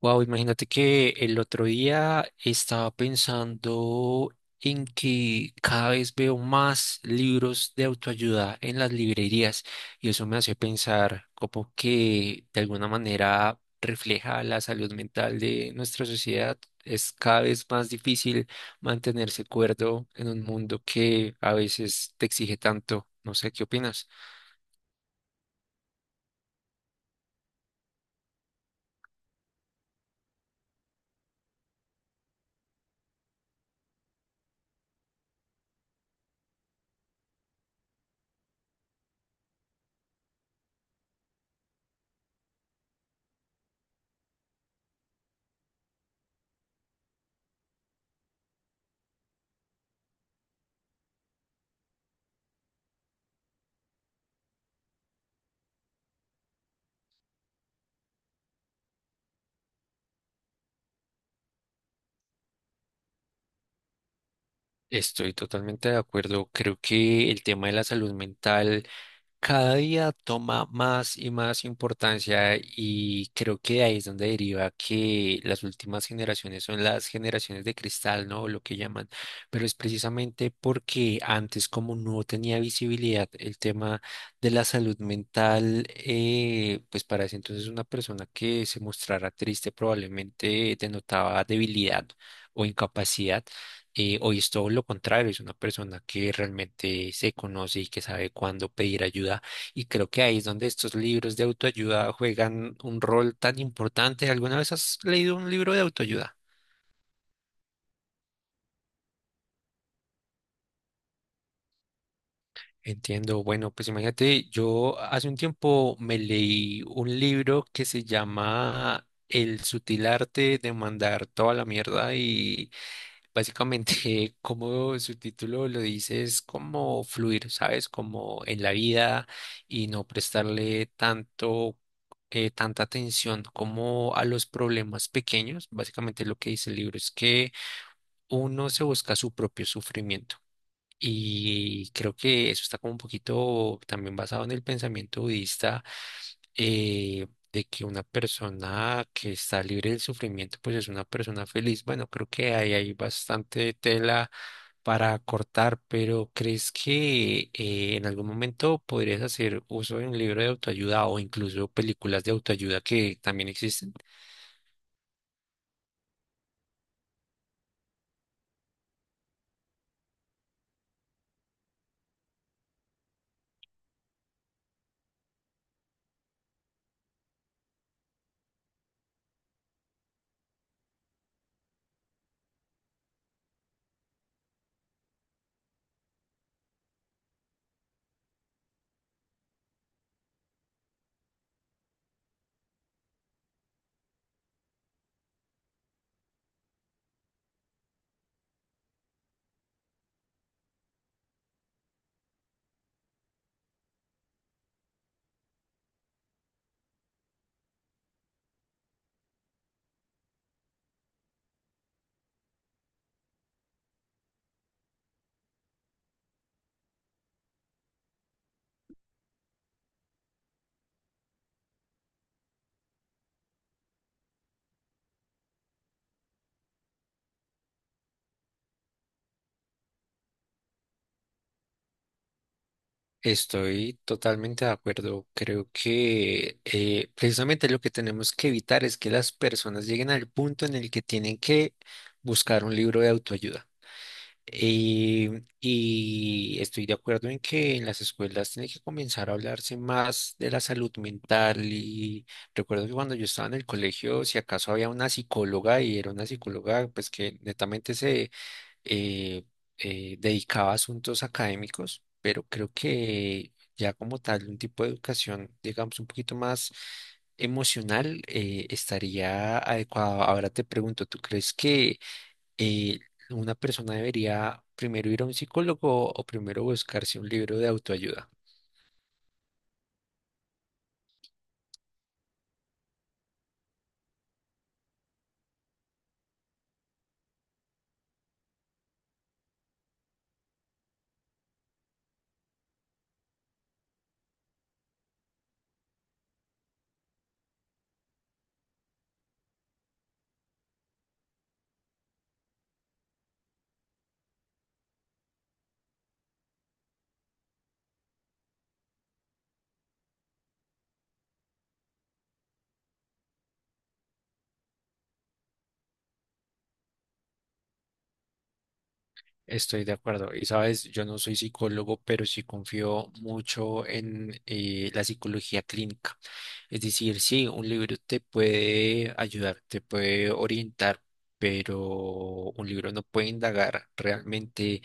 Wow, imagínate que el otro día estaba pensando en que cada vez veo más libros de autoayuda en las librerías y eso me hace pensar como que de alguna manera refleja la salud mental de nuestra sociedad. Es cada vez más difícil mantenerse cuerdo en un mundo que a veces te exige tanto. No sé, ¿qué opinas? Estoy totalmente de acuerdo. Creo que el tema de la salud mental cada día toma más y más importancia y creo que de ahí es donde deriva que las últimas generaciones son las generaciones de cristal, ¿no? Lo que llaman, pero es precisamente porque antes como no tenía visibilidad el tema de la salud mental, pues para ese entonces una persona que se mostrara triste probablemente denotaba debilidad o incapacidad. Hoy es todo lo contrario, es una persona que realmente se conoce y que sabe cuándo pedir ayuda. Y creo que ahí es donde estos libros de autoayuda juegan un rol tan importante. ¿Alguna vez has leído un libro de autoayuda? Entiendo. Bueno, pues imagínate, yo hace un tiempo me leí un libro que se llama El sutil arte de mandar toda la mierda y básicamente, como su título lo dice, es como fluir, ¿sabes? Como en la vida y no prestarle tanta atención como a los problemas pequeños. Básicamente lo que dice el libro es que uno se busca su propio sufrimiento. Y creo que eso está como un poquito también basado en el pensamiento budista, de que una persona que está libre del sufrimiento, pues es una persona feliz. Bueno, creo que ahí hay bastante tela para cortar, pero ¿crees que en algún momento podrías hacer uso de un libro de autoayuda o incluso películas de autoayuda que también existen? Estoy totalmente de acuerdo. Creo que precisamente lo que tenemos que evitar es que las personas lleguen al punto en el que tienen que buscar un libro de autoayuda. Y, y estoy de acuerdo en que en las escuelas tiene que comenzar a hablarse más de la salud mental. Y recuerdo que cuando yo estaba en el colegio, si acaso había una psicóloga y era una psicóloga, pues que netamente eh, dedicaba a asuntos académicos, pero creo que ya como tal, un tipo de educación, digamos, un poquito más emocional, estaría adecuado. Ahora te pregunto, ¿tú crees que eh, una persona debería primero ir a un psicólogo o primero buscarse un libro de autoayuda? Estoy de acuerdo. Y sabes, yo no soy psicólogo, pero sí confío mucho en la psicología clínica. Es decir, sí, un libro te puede ayudar, te puede orientar, pero un libro no puede indagar realmente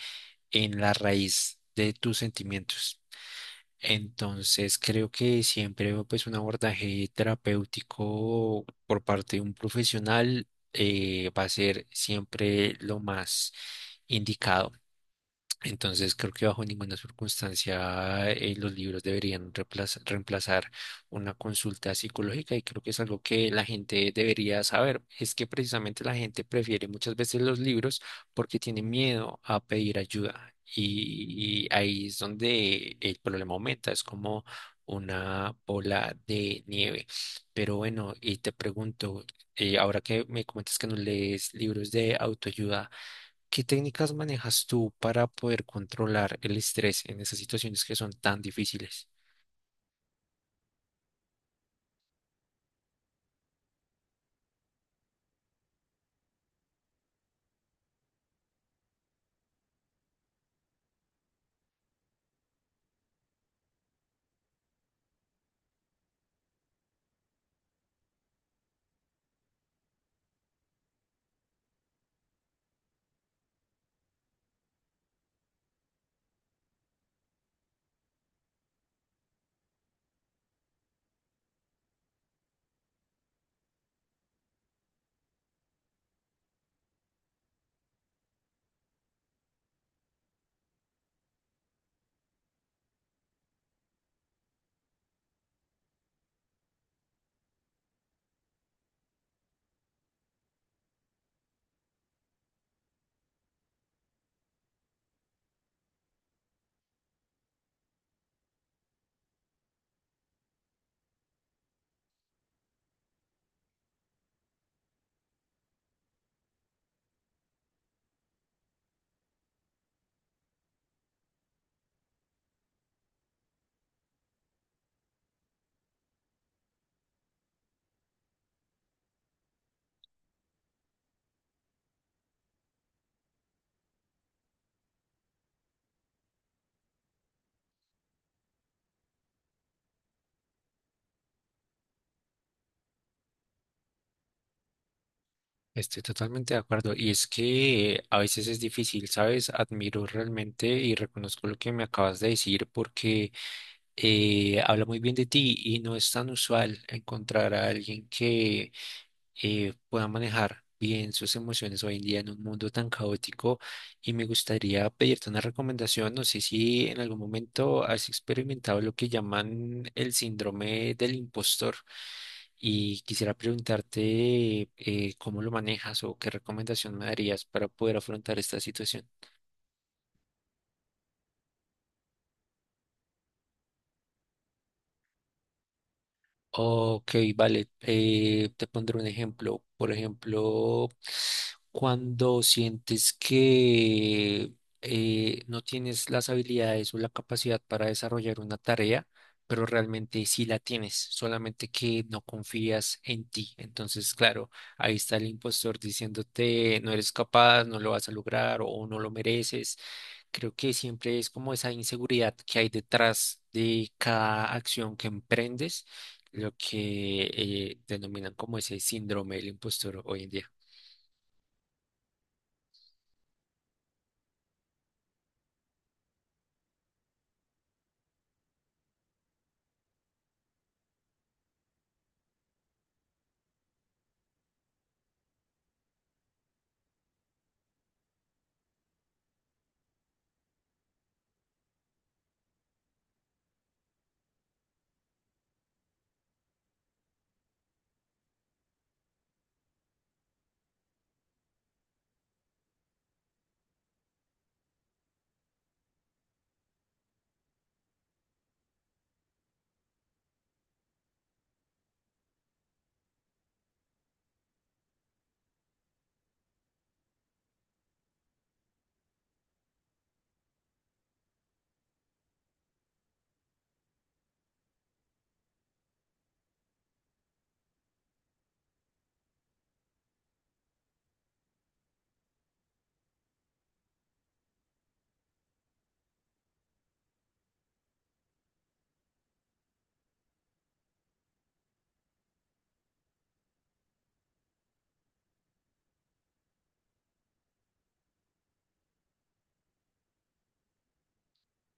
en la raíz de tus sentimientos. Entonces, creo que siempre pues, un abordaje terapéutico por parte de un profesional va a ser siempre lo más indicado. Entonces creo que bajo ninguna circunstancia los libros deberían reemplazar una consulta psicológica y creo que es algo que la gente debería saber. Es que precisamente la gente prefiere muchas veces los libros porque tiene miedo a pedir ayuda y ahí es donde el problema aumenta, es como una bola de nieve. Pero bueno, y te pregunto, ahora que me comentas que no lees libros de autoayuda, ¿qué técnicas manejas tú para poder controlar el estrés en esas situaciones que son tan difíciles? Estoy totalmente de acuerdo. Y es que a veces es difícil, ¿sabes? Admiro realmente y reconozco lo que me acabas de decir porque habla muy bien de ti y no es tan usual encontrar a alguien que pueda manejar bien sus emociones hoy en día en un mundo tan caótico. Y me gustaría pedirte una recomendación. No sé si en algún momento has experimentado lo que llaman el síndrome del impostor. Y quisiera preguntarte cómo lo manejas o qué recomendación me darías para poder afrontar esta situación. Ok, vale. Te pondré un ejemplo. Por ejemplo, cuando sientes que no tienes las habilidades o la capacidad para desarrollar una tarea, pero realmente sí la tienes, solamente que no confías en ti. Entonces, claro, ahí está el impostor diciéndote no eres capaz, no lo vas a lograr o no lo mereces. Creo que siempre es como esa inseguridad que hay detrás de cada acción que emprendes lo que denominan como ese síndrome del impostor hoy en día.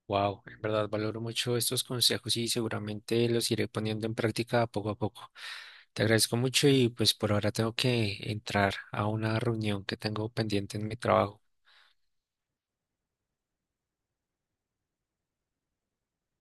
Wow, en verdad valoro mucho estos consejos y seguramente los iré poniendo en práctica poco a poco. Te agradezco mucho y pues por ahora tengo que entrar a una reunión que tengo pendiente en mi trabajo.